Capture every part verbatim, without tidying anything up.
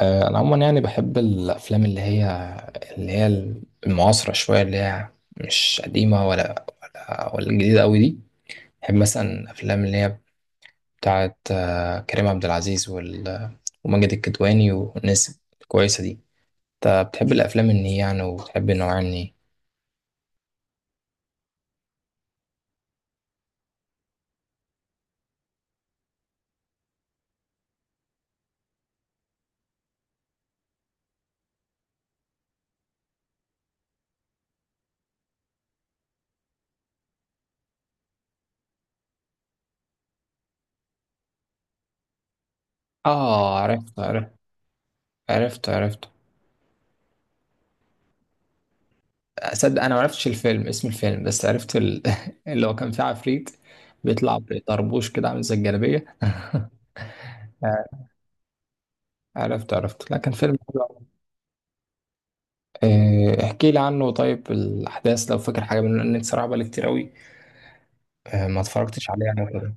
آه، أنا عموما يعني بحب الأفلام اللي هي اللي هي المعاصرة شوية اللي هي مش قديمة ولا ولا ولا جديدة أوي دي. بحب مثلا أفلام اللي هي بتاعة آه، كريم عبد العزيز وال- وماجد الكدواني والناس الكويسة دي. أنت بتحب الأفلام إن هي يعني وبتحب النوع يعني؟ آه، عرفت عرفت. عرفت عرفت. أصدق أنا معرفتش الفيلم، اسم الفيلم، بس عرفت ال... اللي هو كان فيه عفريت بيطلع بطربوش كده عامل زي الجلابية. عرفت عرفت، لكن فيلم حلو أوي. آه، احكي لي عنه طيب الأحداث لو فاكر حاجة منه، لأن أنت صراحة بقالي كتير قوي آه، ما اتفرجتش عليه يعني وكده.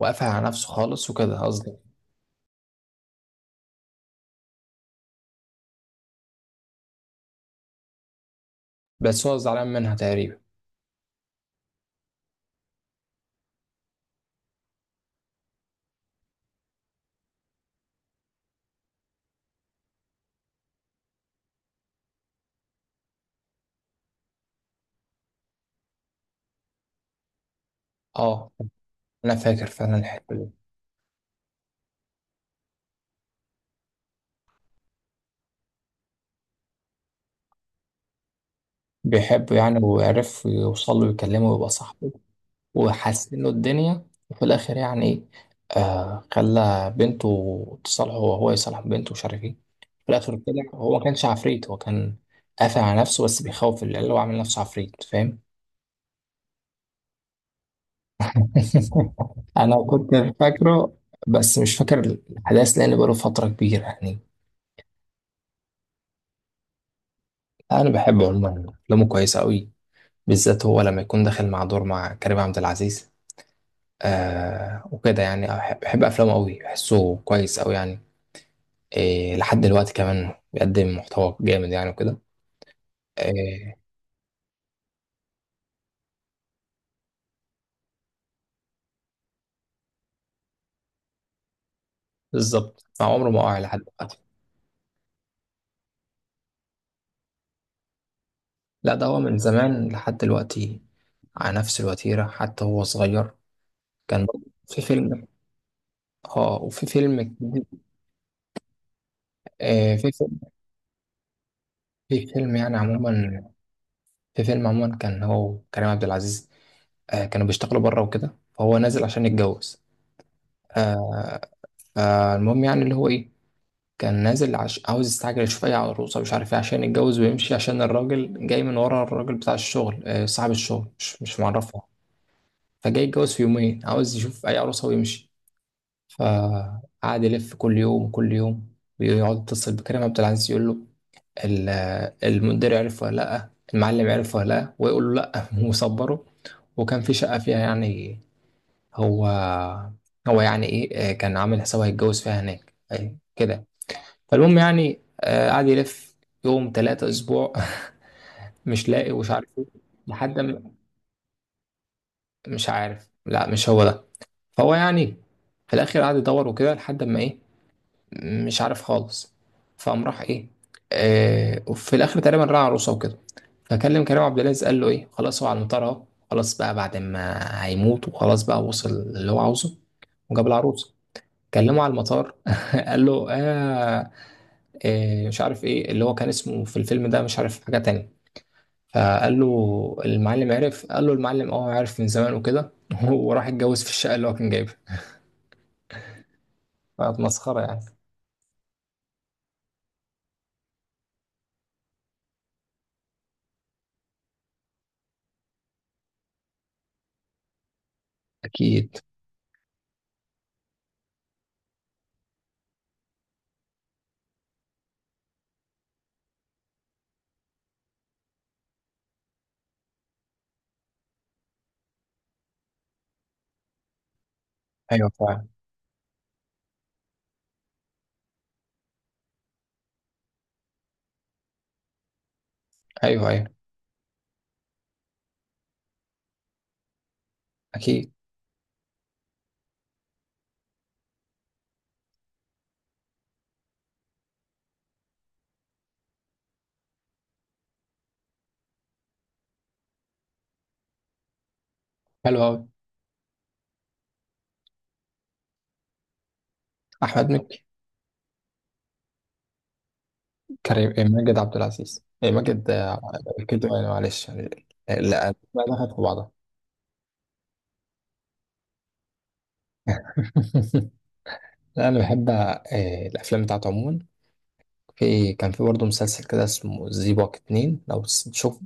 وقفل على نفسه خالص وكده قصدي. بس هو زعلان منها تقريبا. اه، أنا فاكر فعلا الحتة دي. بيحبه يعني وعرف يوصل له ويكلمه ويبقى صاحبه وحسن له الدنيا، وفي الآخر يعني إيه آه خلى بنته تصالحه وهو يصالح بنته ومش عارف إيه. في الآخر كده هو ما كانش عفريت، هو كان قافل على نفسه بس بيخوف العيال وعامل نفسه عفريت، فاهم؟ انا كنت فاكره بس مش فاكر الاحداث لان بقاله فتره كبيره يعني. انا بحب عموما افلامه، كويسه قوي، بالذات هو لما يكون داخل مع دور مع كريم عبد العزيز آه وكده يعني. أح- بحب افلامه قوي، بحسه كويس قوي يعني. إيه لحد دلوقتي كمان بيقدم محتوى جامد يعني وكده. إيه بالظبط، مع عمره ما وقع لحد دلوقتي. لا ده هو من زمان لحد دلوقتي على نفس الوتيره، حتى هو صغير كان برضه في فيلم. اه وفي فيلم آه، في في في فيلم يعني عموما، في فيلم عموما كان هو كريم عبد العزيز. آه، كانوا بيشتغلوا بره وكده، فهو نازل عشان يتجوز. آه، فالمهم يعني اللي هو ايه، كان نازل عش... عاوز يستعجل يشوف اي عروسه مش عارف ايه عشان يتجوز ويمشي، عشان الراجل جاي من ورا، الراجل بتاع الشغل آه، صاحب الشغل مش مش معرفه. فجاي يتجوز في يومين، عاوز يشوف اي عروسه ويمشي، فقعد يلف كل يوم كل يوم ويقعد يتصل بكريم عبد العزيز يقول له ال- المدير عرف ولا لأ، المعلم عرف ولا لأ، ويقول له لأ وصبره. وكان في شقة فيها يعني هو هو يعني إيه آه، كان عامل حسابه هيتجوز فيها هناك أي كده. فالمهم يعني آه، قعد يلف يوم تلاتة أسبوع مش لاقي ومش عارف إيه لحد ما، مش عارف، لا مش هو ده. فهو يعني في الآخر قعد يدور وكده لحد ما إيه مش عارف خالص، فقام راح إيه آه، وفي الآخر تقريبا راح عروسة وكده فكلم كريم عبد العزيز قال له ايه خلاص هو على المطار اهو، خلاص بقى بعد ما هيموت، وخلاص بقى وصل اللي هو عاوزه وجاب العروسه. كلمه على المطار قال له آه إيه مش عارف ايه اللي هو كان اسمه في الفيلم ده مش عارف حاجه تانية. فقال له المعلم عرف، قال له المعلم اه عارف من زمان وكده. وراح اتجوز في الشقه اللي هو كان جايبها، فكانت مسخره يعني. اكيد. ايوه فعلا. ايوه ايوه. اكيد. حلو قوي. احمد مكي. كريم إيه، ماجد عبد العزيز إيه، ماجد. آه، كده يعني معلش يعني- آه، لا، ما دخلت في بعضها. لا انا بحب آه، الافلام بتاعته عموما. في كان في برضه مسلسل كده اسمه زيبوك اتنين لو س- شوف،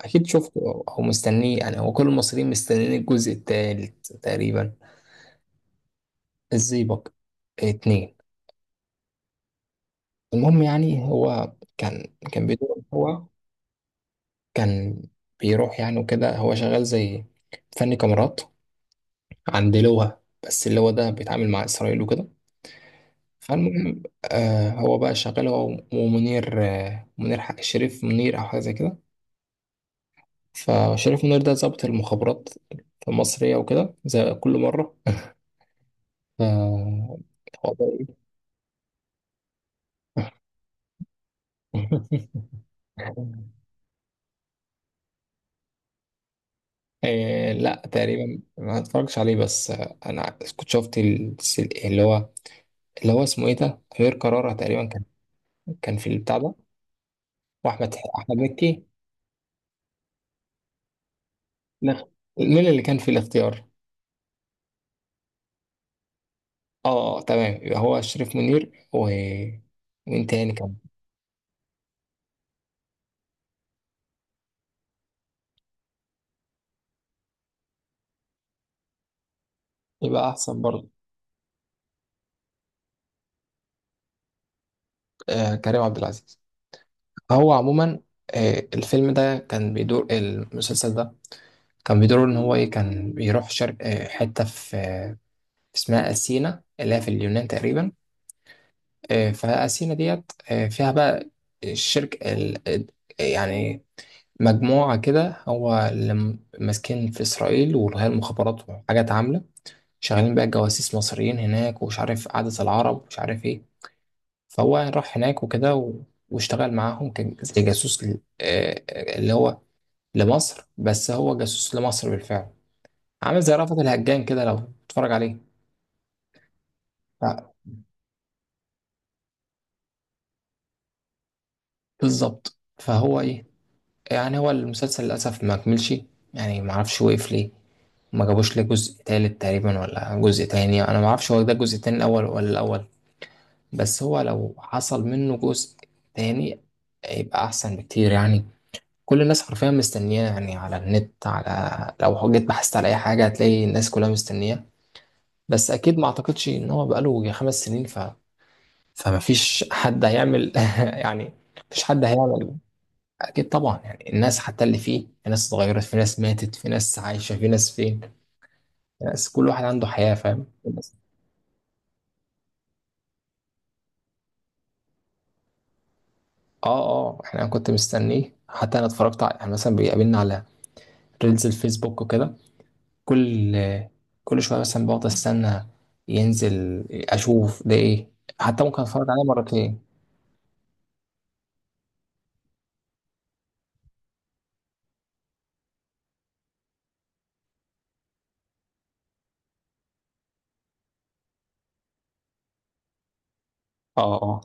اكيد شفته او أو مستنيه يعني، هو كل المصريين مستنيين الجزء التالت تقريبا. الزيبوك اتنين. المهم يعني هو كان كان بيدور. هو كان بيروح يعني وكده هو شغال زي فني كاميرات عند لواء، بس اللواء ده بيتعامل مع إسرائيل وكده. فالمهم آه هو بقى شغال هو. ومنير آه منير ح- شريف منير أو حاجة زي كده. فشريف منير ده ضابط المخابرات المصرية وكده زي كل مرة. ف هو بقى إيه؟ آه لا تقريبا ما اتفرجش عليه بس آه، انا كنت شفت ال- اللي هو اللي هو اسمه ايه ده، غير قرارة تقريبا، كان كان في البتاع ده، واحمد احمد مكي. لا، مين اللي كان في الاختيار؟ اه تمام، يبقى هو شريف منير و مين تاني كان. يبقى احسن برضه. آه كريم عبد العزيز هو عموما، آه الفيلم ده كان بيدور، المسلسل ده كان بيدور ان هو ايه كان بيروح شرق آه حته في آه اسمها اثينا اللي هي في اليونان تقريبا. آه فاثينا ديت آه فيها بقى الشرك ال... ال- يعني مجموعه كده هو اللي م- ماسكين في اسرائيل والغايه المخابرات وحاجات عامله شغالين بقى جواسيس مصريين هناك، ومش عارف عادة العرب ومش عارف ايه. فهو راح هناك وكده و... واشتغل معاهم كان زي جاسوس ل... آه، آه، اللي هو لمصر، بس هو جاسوس لمصر بالفعل، عامل زي رأفت الهجان كده لو تتفرج عليه. ف... بالظبط فهو ايه يعني. هو المسلسل للأسف ما كملش يعني، ما اعرفش وقف ليه، ما جابوش ليه جزء تالت تقريبا ولا جزء تاني، انا ما اعرفش هو ده الجزء التاني الاول ولا الاول. بس هو لو حصل منه جزء تاني هيبقى أحسن بكتير يعني، كل الناس حرفيا مستنياه يعني. على النت، على لو جيت بحثت على أي حاجة هتلاقي الناس كلها مستنياه، بس أكيد ما أعتقدش إن هو بقاله يجي خمس سنين ف... فما فيش حد هيعمل يعني، مفيش حد هيعمل. أكيد طبعا، يعني الناس حتى اللي فيه، في ناس اتغيرت، في ناس ماتت، في ناس عايشة، في ناس فين، في ناس كل واحد عنده حياة، فاهم؟ بس اه اه احنا أنا كنت مستنيه، حتى انا اتفرجت على يعني مثلا بيقابلنا على ريلز الفيسبوك وكده، كل كل شويه مثلا بقعد استنى ينزل اشوف ده ايه، حتى ممكن اتفرج عليه مرتين. اه اه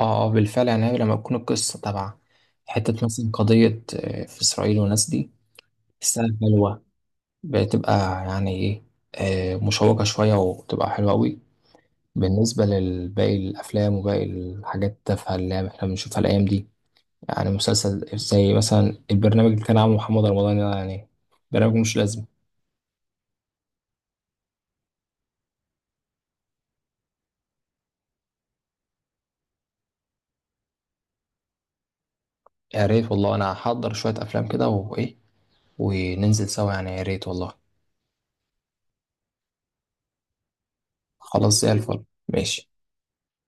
اه. آه، بالفعل، يعني لما تكون القصه تبع حته مثلا قضيه آه، في اسرائيل والناس دي تستاهل، حلوه، بتبقى يعني ايه آه، مشوقه شويه وبتبقى حلوه قوي، بالنسبه لباقي الافلام وباقي الحاجات التافهه اللي احنا بنشوفها الايام دي. يعني مسلسل زي مثلا البرنامج اللي كان عامله محمد رمضان ده يعني، برنامج مش لازم. يا ريت والله، انا هحضر شوية افلام كده وايه وننزل سوا يعني، يا ريت والله. خلاص زي الفل، ماشي.